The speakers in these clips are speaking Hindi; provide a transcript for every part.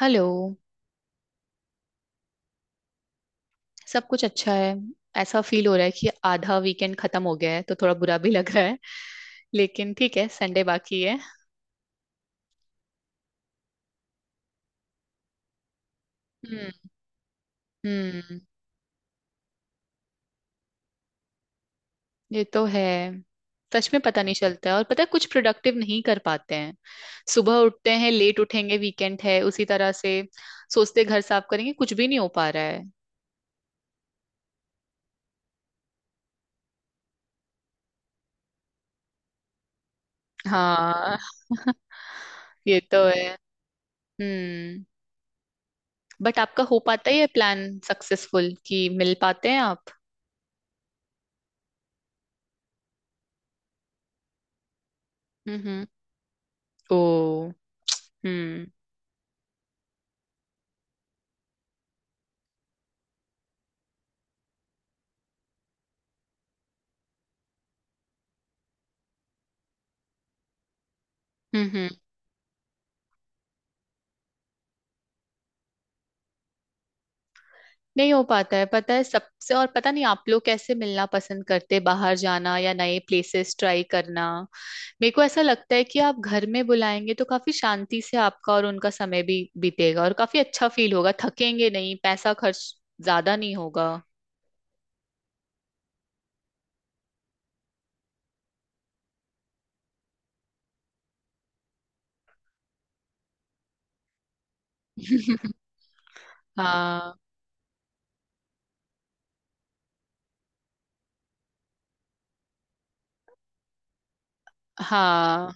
हेलो। सब कुछ अच्छा है। ऐसा फील हो रहा है कि आधा वीकेंड खत्म हो गया है तो थोड़ा बुरा भी लग रहा है। लेकिन ठीक है, संडे बाकी है। हम्म। हम्म। ये तो है। सच में पता नहीं चलता है, और पता है कुछ प्रोडक्टिव नहीं कर पाते हैं। सुबह उठते हैं, लेट उठेंगे, वीकेंड है उसी तरह से। सोचते घर साफ करेंगे, कुछ भी नहीं हो पा रहा है। हाँ। ये तो है। हम्म। बट आपका हो पाता है ये प्लान सक्सेसफुल, कि मिल पाते हैं आप? हम्म। हम्म। ओ। हम्म। हम्म। हम्म। नहीं हो पाता है, पता है सबसे। और पता नहीं आप लोग कैसे मिलना पसंद करते, बाहर जाना या नए प्लेसेस ट्राई करना। मेरे को ऐसा लगता है कि आप घर में बुलाएंगे तो काफी शांति से आपका और उनका समय भी बीतेगा और काफी अच्छा फील होगा, थकेंगे नहीं, पैसा खर्च ज्यादा नहीं होगा। हाँ। हाँ,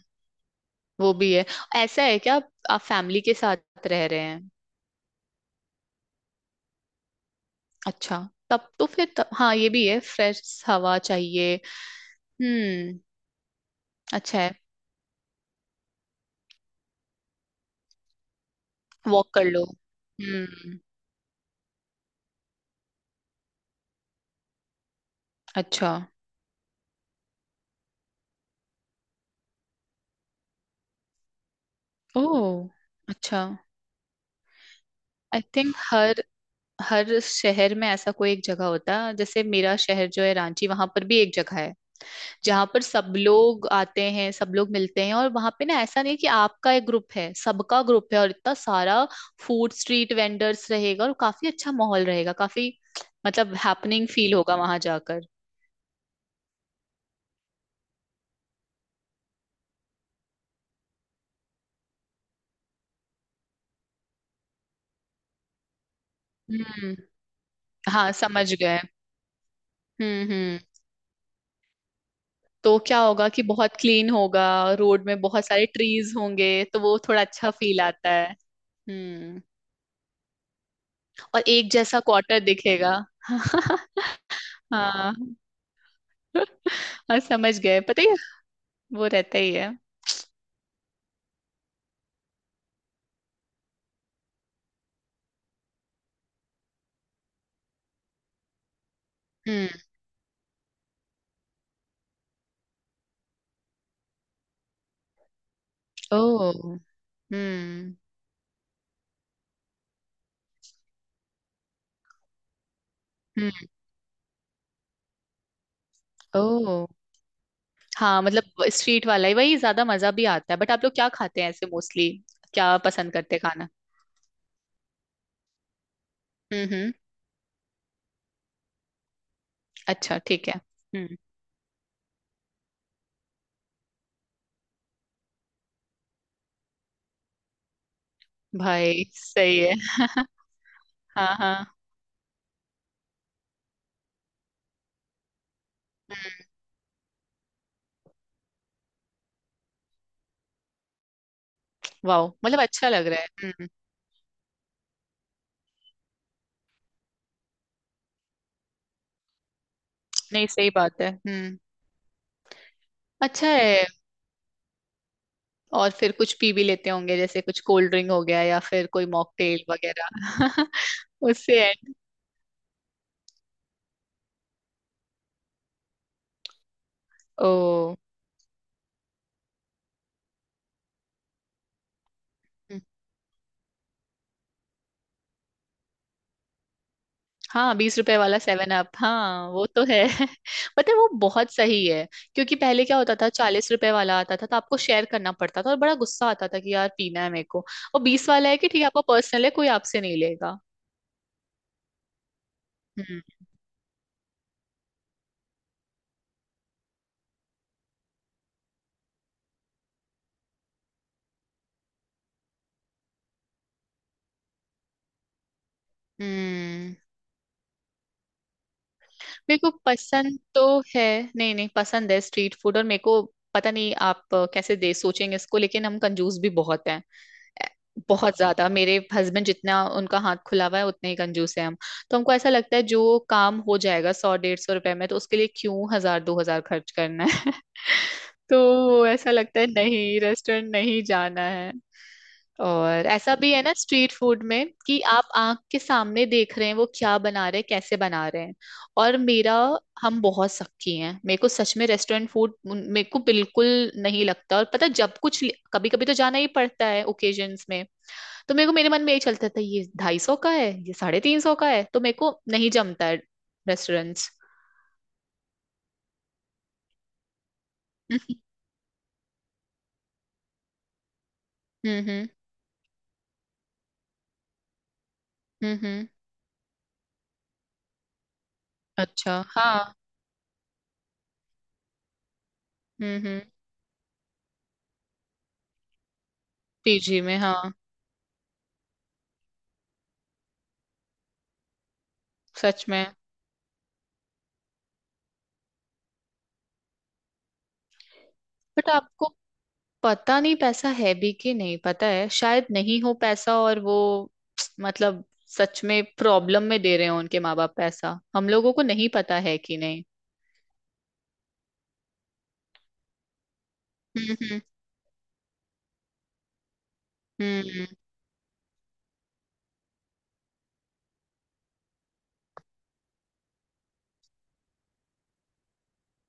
वो भी है। ऐसा है क्या, आप फैमिली के साथ रह रहे हैं? अच्छा। तब तो फिर तब, हाँ ये भी है, फ्रेश हवा चाहिए। हम्म। अच्छा है। वॉक कर लो। हम्म। अच्छा। ओह। अच्छा। आई थिंक हर हर शहर में ऐसा कोई एक जगह होता है, जैसे मेरा शहर जो है रांची, वहां पर भी एक जगह है जहां पर सब लोग आते हैं, सब लोग मिलते हैं, और वहां पे ना ऐसा नहीं है कि आपका एक ग्रुप है, सबका ग्रुप है, और इतना सारा फूड स्ट्रीट वेंडर्स रहेगा और काफी अच्छा माहौल रहेगा। काफी मतलब हैपनिंग फील होगा वहां जाकर। हम्म। हाँ, समझ गए। हम्म। हम्म। तो क्या होगा कि बहुत क्लीन होगा, रोड में बहुत सारे ट्रीज होंगे, तो वो थोड़ा अच्छा फील आता है। हम्म। और एक जैसा क्वार्टर दिखेगा। हाँ। और समझ गए, पता है, वो रहता ही है। हम्म। ओ। हम्म। हम्म। ओ। हाँ, मतलब स्ट्रीट वाला ही, वही ज्यादा मजा भी आता है। बट आप लोग क्या खाते हैं ऐसे मोस्टली, क्या पसंद करते हैं खाना? हम्म। हम्म। अच्छा, ठीक है। हम्म। भाई सही है। हाँ हाँ। वाह, मतलब अच्छा लग रहा है। हम्म। नहीं, सही बात है। हम्म। अच्छा है। और फिर कुछ पी भी लेते होंगे, जैसे कुछ कोल्ड ड्रिंक हो गया या फिर कोई मॉकटेल वगैरह? उससे है। ओ। हम्म। हाँ, 20 रुपए वाला सेवन अप, हाँ वो तो है। पता है, वो बहुत सही है। क्योंकि पहले क्या होता था, 40 रुपए वाला आता था तो आपको शेयर करना पड़ता था, और बड़ा गुस्सा आता था कि यार पीना है मेरे को। और 20 वाला है कि ठीक है, आपका पर्सनल है, कोई आपसे नहीं लेगा। हम्म। हम्म। मेरे को पसंद तो है। नहीं नहीं, पसंद है स्ट्रीट फूड। और मेरे को पता नहीं आप कैसे दे सोचेंगे इसको, लेकिन हम कंजूस भी बहुत हैं। ए- बहुत ज्यादा। मेरे हस्बैंड जितना उनका हाथ खुला हुआ है, उतने ही कंजूस है हम। तो हमको ऐसा लगता है जो काम हो जाएगा 100-150 रुपए में, तो उसके लिए क्यों 1000-2000 खर्च करना है। तो ऐसा लगता है, नहीं, रेस्टोरेंट नहीं जाना है। और ऐसा भी है ना स्ट्रीट फूड में कि आप आंख के सामने देख रहे हैं वो क्या बना रहे हैं, कैसे बना रहे हैं। और मेरा हम बहुत सख्ती हैं, मेरे को सच में रेस्टोरेंट फूड मेरे को बिल्कुल नहीं लगता। और पता, जब कुछ, कभी कभी तो जाना ही पड़ता है ओकेजन्स में। तो मेरे मन में यही चलता था, ये 250 का है, ये 350 का है, तो मेरे को नहीं जमता है रेस्टोरेंट्स। हम्म। हम्म। हम्म। अच्छा हाँ। हम्म। पीजी में, हाँ। सच में। बट आपको पता नहीं पैसा है भी कि नहीं, पता है, शायद नहीं हो पैसा और वो, मतलब सच में प्रॉब्लम में दे रहे हो उनके माँ बाप, पैसा हम लोगों को नहीं पता है कि नहीं। हम्म। हम्म। हम्म।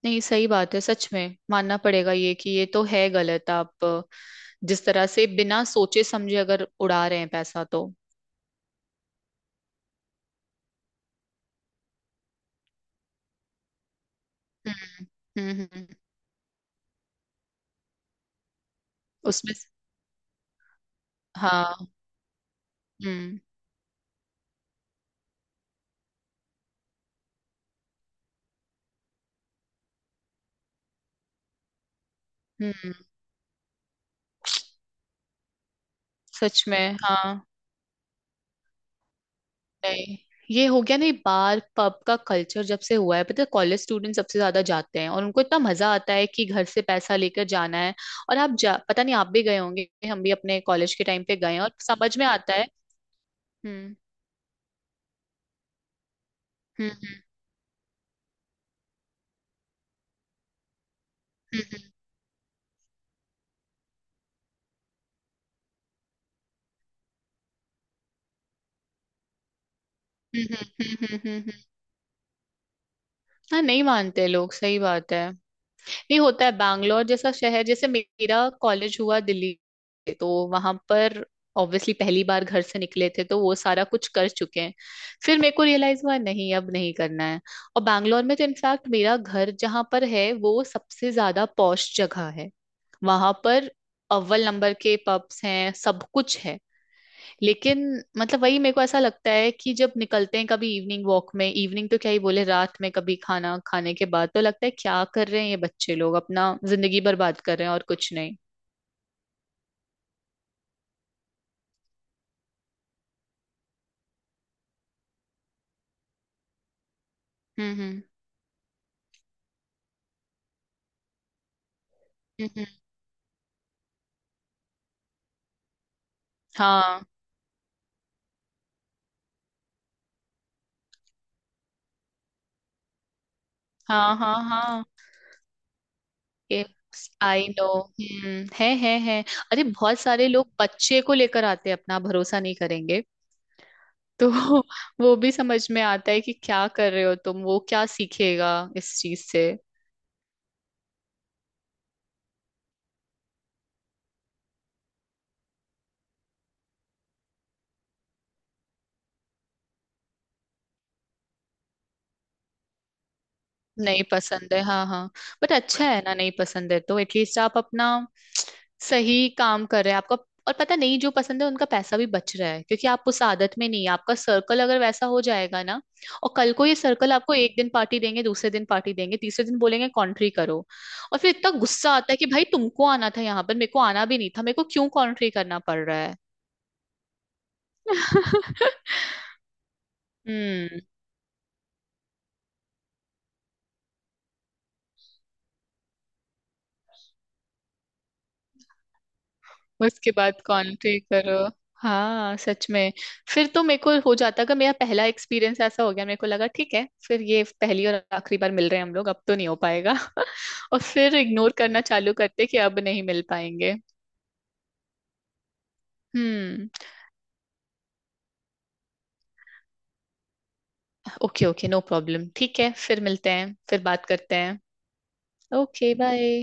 नहीं, सही बात है, सच में मानना पड़ेगा ये कि ये तो है गलत। आप जिस तरह से बिना सोचे समझे अगर उड़ा रहे हैं पैसा, तो। हम्म। हम्म। हम्म। उसमें स- हाँ। हम्म। हम्म। सच में हाँ। नहीं, ये हो गया नहीं, बार पब का कल्चर जब से हुआ है, पता है, कॉलेज स्टूडेंट सबसे ज्यादा जाते हैं, और उनको इतना मजा आता है कि घर से पैसा लेकर जाना है। और आप जा पता नहीं, आप भी गए होंगे, हम भी अपने कॉलेज के टाइम पे गए हैं, और समझ में आता है। हम्म हम्म हम्म हम्म। हम्म। हम्म। हम्म। हम्म। हम्म। हम्म। हम्म। हम्म। हाँ, नहीं मानते लोग, सही बात है। ये होता है। बैंगलोर जैसा शहर, जैसे मेरा कॉलेज हुआ दिल्ली से, तो वहां पर ऑब्वियसली पहली बार घर से निकले थे तो वो सारा कुछ कर चुके हैं। फिर मेरे को रियलाइज हुआ, नहीं अब नहीं करना है। और बैंगलोर में तो इनफैक्ट मेरा घर जहां पर है, वो सबसे ज्यादा पॉश जगह है, वहां पर अव्वल नंबर के पब्स हैं, सब कुछ है। लेकिन मतलब वही मेरे को ऐसा लगता है कि जब निकलते हैं कभी इवनिंग वॉक में, इवनिंग तो क्या ही बोले, रात में कभी खाना खाने के बाद, तो लगता है क्या कर रहे हैं ये बच्चे लोग, अपना जिंदगी बर्बाद कर रहे हैं और कुछ नहीं। हम्म। हम्म। हम्म, हाँ हाँ हाँ हाँ। I know. हम्म, है है। अरे बहुत सारे लोग बच्चे को लेकर आते हैं, अपना भरोसा नहीं करेंगे तो। वो भी समझ में आता है कि क्या कर रहे हो तुम, वो क्या सीखेगा इस चीज से। नहीं पसंद है, हाँ हाँ। बट अच्छा है ना, नहीं पसंद है तो एटलीस्ट आप अपना सही काम कर रहे हैं आपका। और पता नहीं जो पसंद है उनका, पैसा भी बच रहा है क्योंकि आप उस आदत में नहीं है। आपका सर्कल अगर वैसा हो जाएगा ना, और कल को ये सर्कल आपको एक दिन पार्टी देंगे, दूसरे दिन पार्टी देंगे, तीसरे दिन बोलेंगे कॉन्ट्री करो। और फिर इतना गुस्सा आता है कि भाई तुमको आना था यहाँ पर, मेरे को आना भी नहीं था, मेरे को क्यों कॉन्ट्री करना पड़ रहा है। हम्म, उसके बाद कॉन्ट्री करो। हाँ सच में। फिर तो मेरे को हो जाता कि मेरा पहला एक्सपीरियंस ऐसा हो गया, मेरे को लगा ठीक है, फिर ये पहली और आखिरी बार मिल रहे हैं हम लोग, अब तो नहीं हो पाएगा। और फिर इग्नोर करना चालू करते कि अब नहीं मिल पाएंगे। हम्म। ओके ओके, नो प्रॉब्लम, ठीक है, फिर मिलते हैं, फिर बात करते हैं। Okay bye.